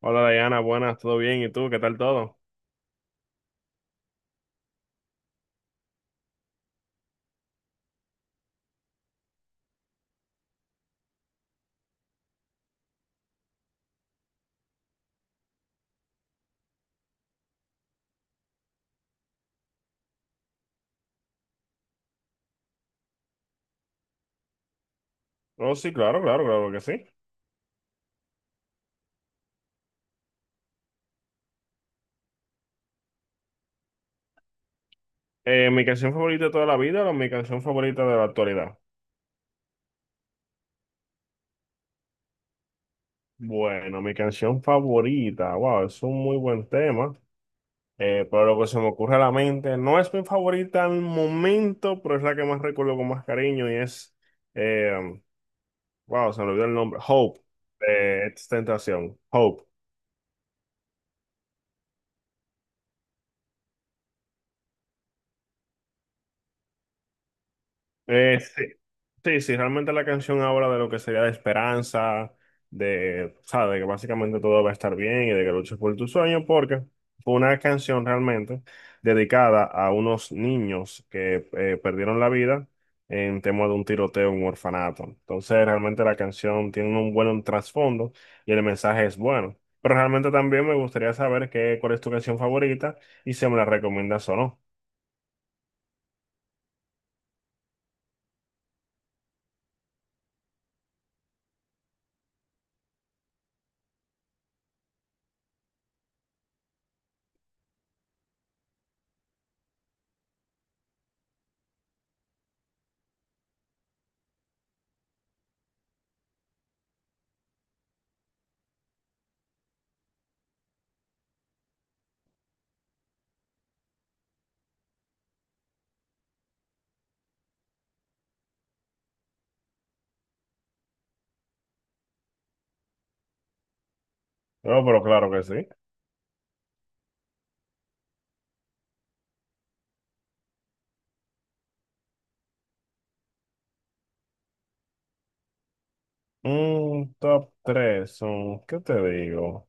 Hola Diana, buenas, ¿todo bien? ¿Y tú? ¿Qué tal todo? Oh, sí, claro, claro, claro que sí. ¿Mi canción favorita de toda la vida o mi canción favorita de la actualidad? Bueno, mi canción favorita, wow, es un muy buen tema, pero lo que se me ocurre a la mente, no es mi favorita al momento, pero es la que más recuerdo con más cariño y es, eh, wow, se me olvidó el nombre, Hope, de Tentación, Hope. Eh, Sí, sí, realmente la canción habla de lo que sería de esperanza, de, ¿sabes? De que básicamente todo va a estar bien y de que luches por tu sueño, porque fue una canción realmente dedicada a unos niños que perdieron la vida en tema de un tiroteo en un orfanato. Entonces, realmente la canción tiene un buen trasfondo y el mensaje es bueno. Pero realmente también me gustaría saber qué, cuál es tu canción favorita y si me la recomiendas o no. No, pero claro que sí. Un top tres son, ¿qué te digo?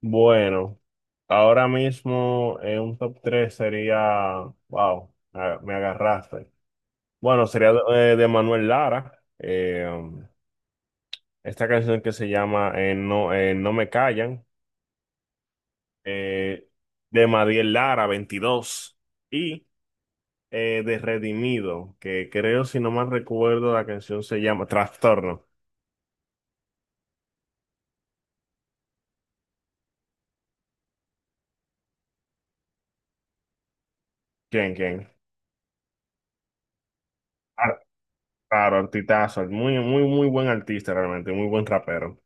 Bueno, ahora mismo en un top 3 sería, wow, me agarraste. Bueno, sería de, Manuel Lara, esta canción que se llama no, No me callan, eh, de Madiel Lara, 22, y de Redimido, que creo, si no mal recuerdo, la canción se llama Trastorno. ¿Quién, quién? Claro, artistazo, muy, muy, muy buen artista realmente, muy buen rapero.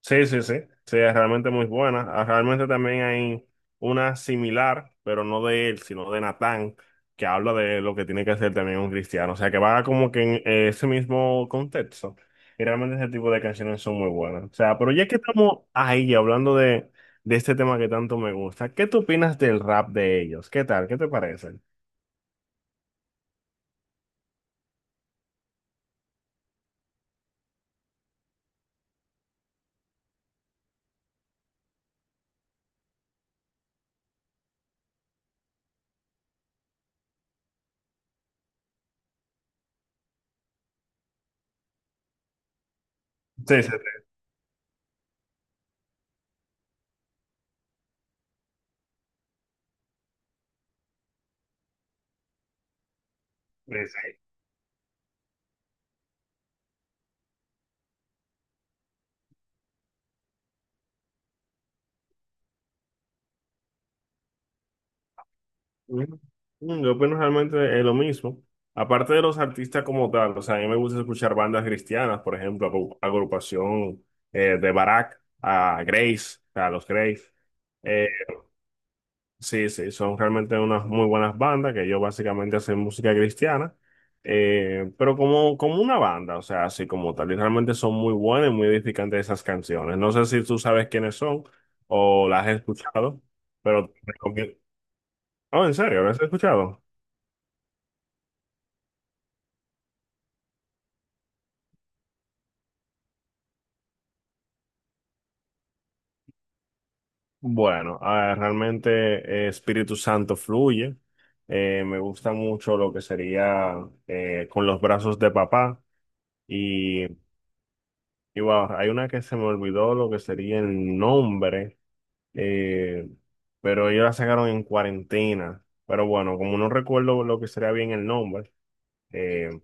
Sí, sí, sí, sí, es realmente muy buena. Ah, realmente también hay una similar, pero no de él, sino de Natán, que habla de lo que tiene que hacer también un cristiano. O sea, que va como que en ese mismo contexto. Y realmente ese tipo de canciones son muy buenas. O sea, pero ya que estamos ahí hablando de, este tema que tanto me gusta, ¿qué tú opinas del rap de ellos? ¿Qué tal? ¿Qué te parece? Sí, sí, sí, sí. Mm, Yo opino realmente es lo mismo. Aparte de los artistas como tal, o sea, a mí me gusta escuchar bandas cristianas, por ejemplo, agrupación, de Barak a Grace, a los Grace. Eh, sí, sí, son realmente unas muy buenas bandas que ellos básicamente hacen música cristiana, pero como una banda, o sea, así como tal. Y realmente son muy buenas y muy edificantes esas canciones. No sé si tú sabes quiénes son o las has escuchado, pero Oh, en serio, ¿las has escuchado? Bueno, ah, realmente, Espíritu Santo fluye. Me gusta mucho lo que sería con los brazos de papá. Y, y wow, hay una que se me olvidó lo que sería el nombre, eh, pero ellos la sacaron en cuarentena. Pero bueno, como no recuerdo lo que sería bien el nombre, eh,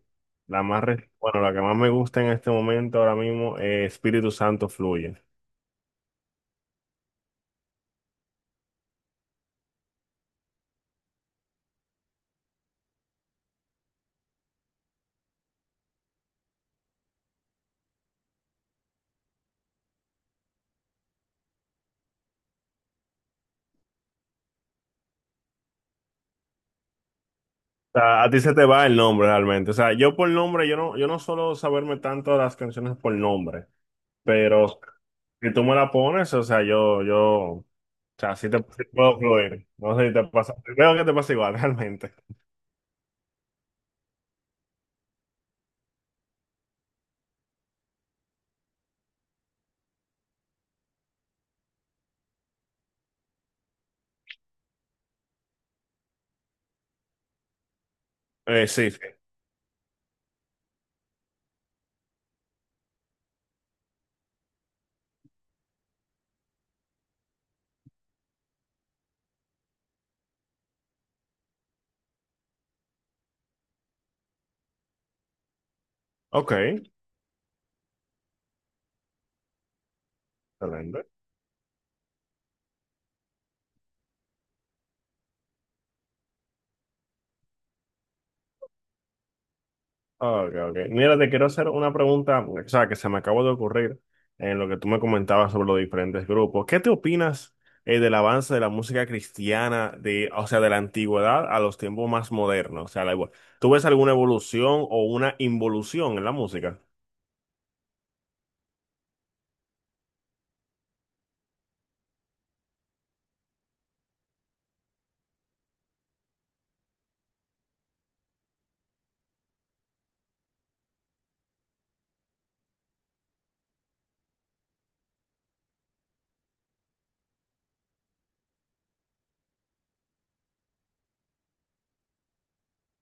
la más, bueno, la que más me gusta en este momento ahora mismo es Espíritu Santo fluye. Sea, a ti se te va el nombre realmente. O sea, yo por nombre, yo no suelo saberme tanto las canciones por nombre, pero si tú me la pones, o sea, yo, o sea, sí te sí puedo fluir. No sé si te pasa, creo que te pasa igual realmente. Sí, sí. Ok, excelente. Ok, ok. Mira, te quiero hacer una pregunta, o sea, que se me acabó de ocurrir en lo que tú me comentabas sobre los diferentes grupos. ¿Qué te opinas, del avance de la música cristiana, de, o sea, de la antigüedad a los tiempos más modernos? O sea, la, ¿tú ves alguna evolución o una involución en la música?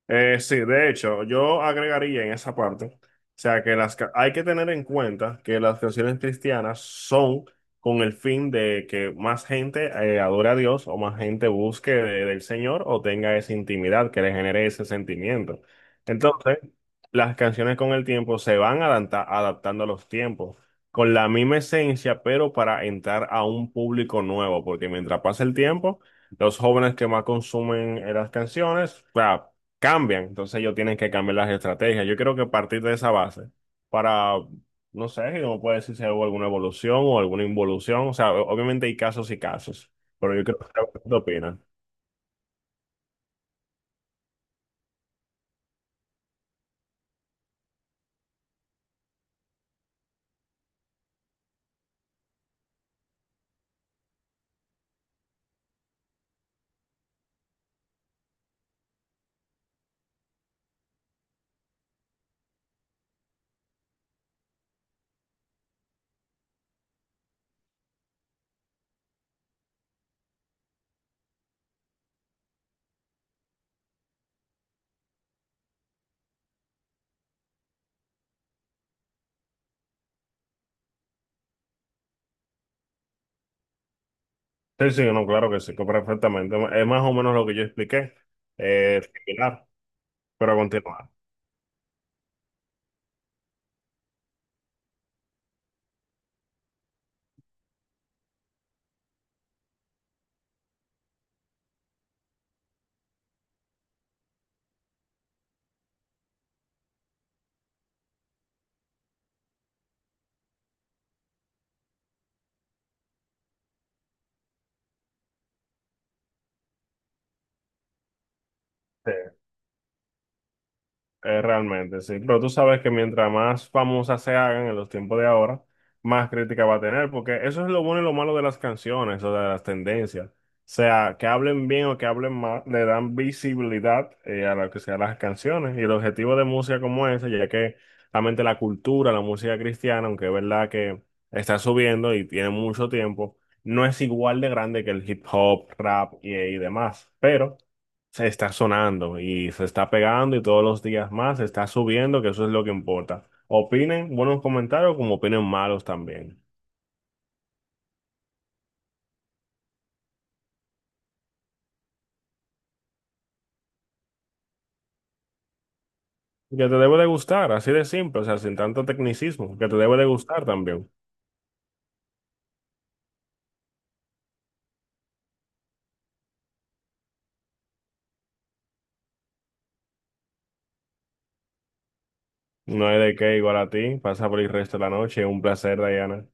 Sí, de hecho, yo agregaría en esa parte, o sea, que hay que tener en cuenta que las canciones cristianas son con el fin de que más gente adore a Dios o más gente busque del Señor o tenga esa intimidad que le genere ese sentimiento. Entonces, las canciones con el tiempo se van adaptando a los tiempos, con la misma esencia, pero para entrar a un público nuevo, porque mientras pasa el tiempo, los jóvenes que más consumen las canciones, o sea, cambian. Entonces ellos tienen que cambiar las estrategias. Yo creo que partir de esa base para, no sé, no puede decir si hubo alguna evolución o alguna involución. O sea, obviamente hay casos y casos, pero yo creo que, ¿qué opinan? Sí, sí, no, claro que sí, que perfectamente. Es más o menos lo que yo expliqué, similar, pero a continuar. Sí. Realmente, sí. Pero tú sabes que mientras más famosas se hagan en los tiempos de ahora, más crítica va a tener, porque eso es lo bueno y lo malo de las canciones o de las tendencias. O sea, que hablen bien o que hablen mal, le dan visibilidad, a lo que sean las canciones. Y el objetivo de música como esa, ya que realmente la cultura, la música cristiana, aunque es verdad que está subiendo y tiene mucho tiempo, no es igual de grande que el hip hop, rap y demás. Pero se está sonando y se está pegando y todos los días más se está subiendo, que eso es lo que importa. Opinen buenos comentarios como opinen malos también. Que te debe de gustar, así de simple, o sea, sin tanto tecnicismo, que te debe de gustar también. No hay de qué, igual a ti, pasa por el resto de la noche, un placer, Diana.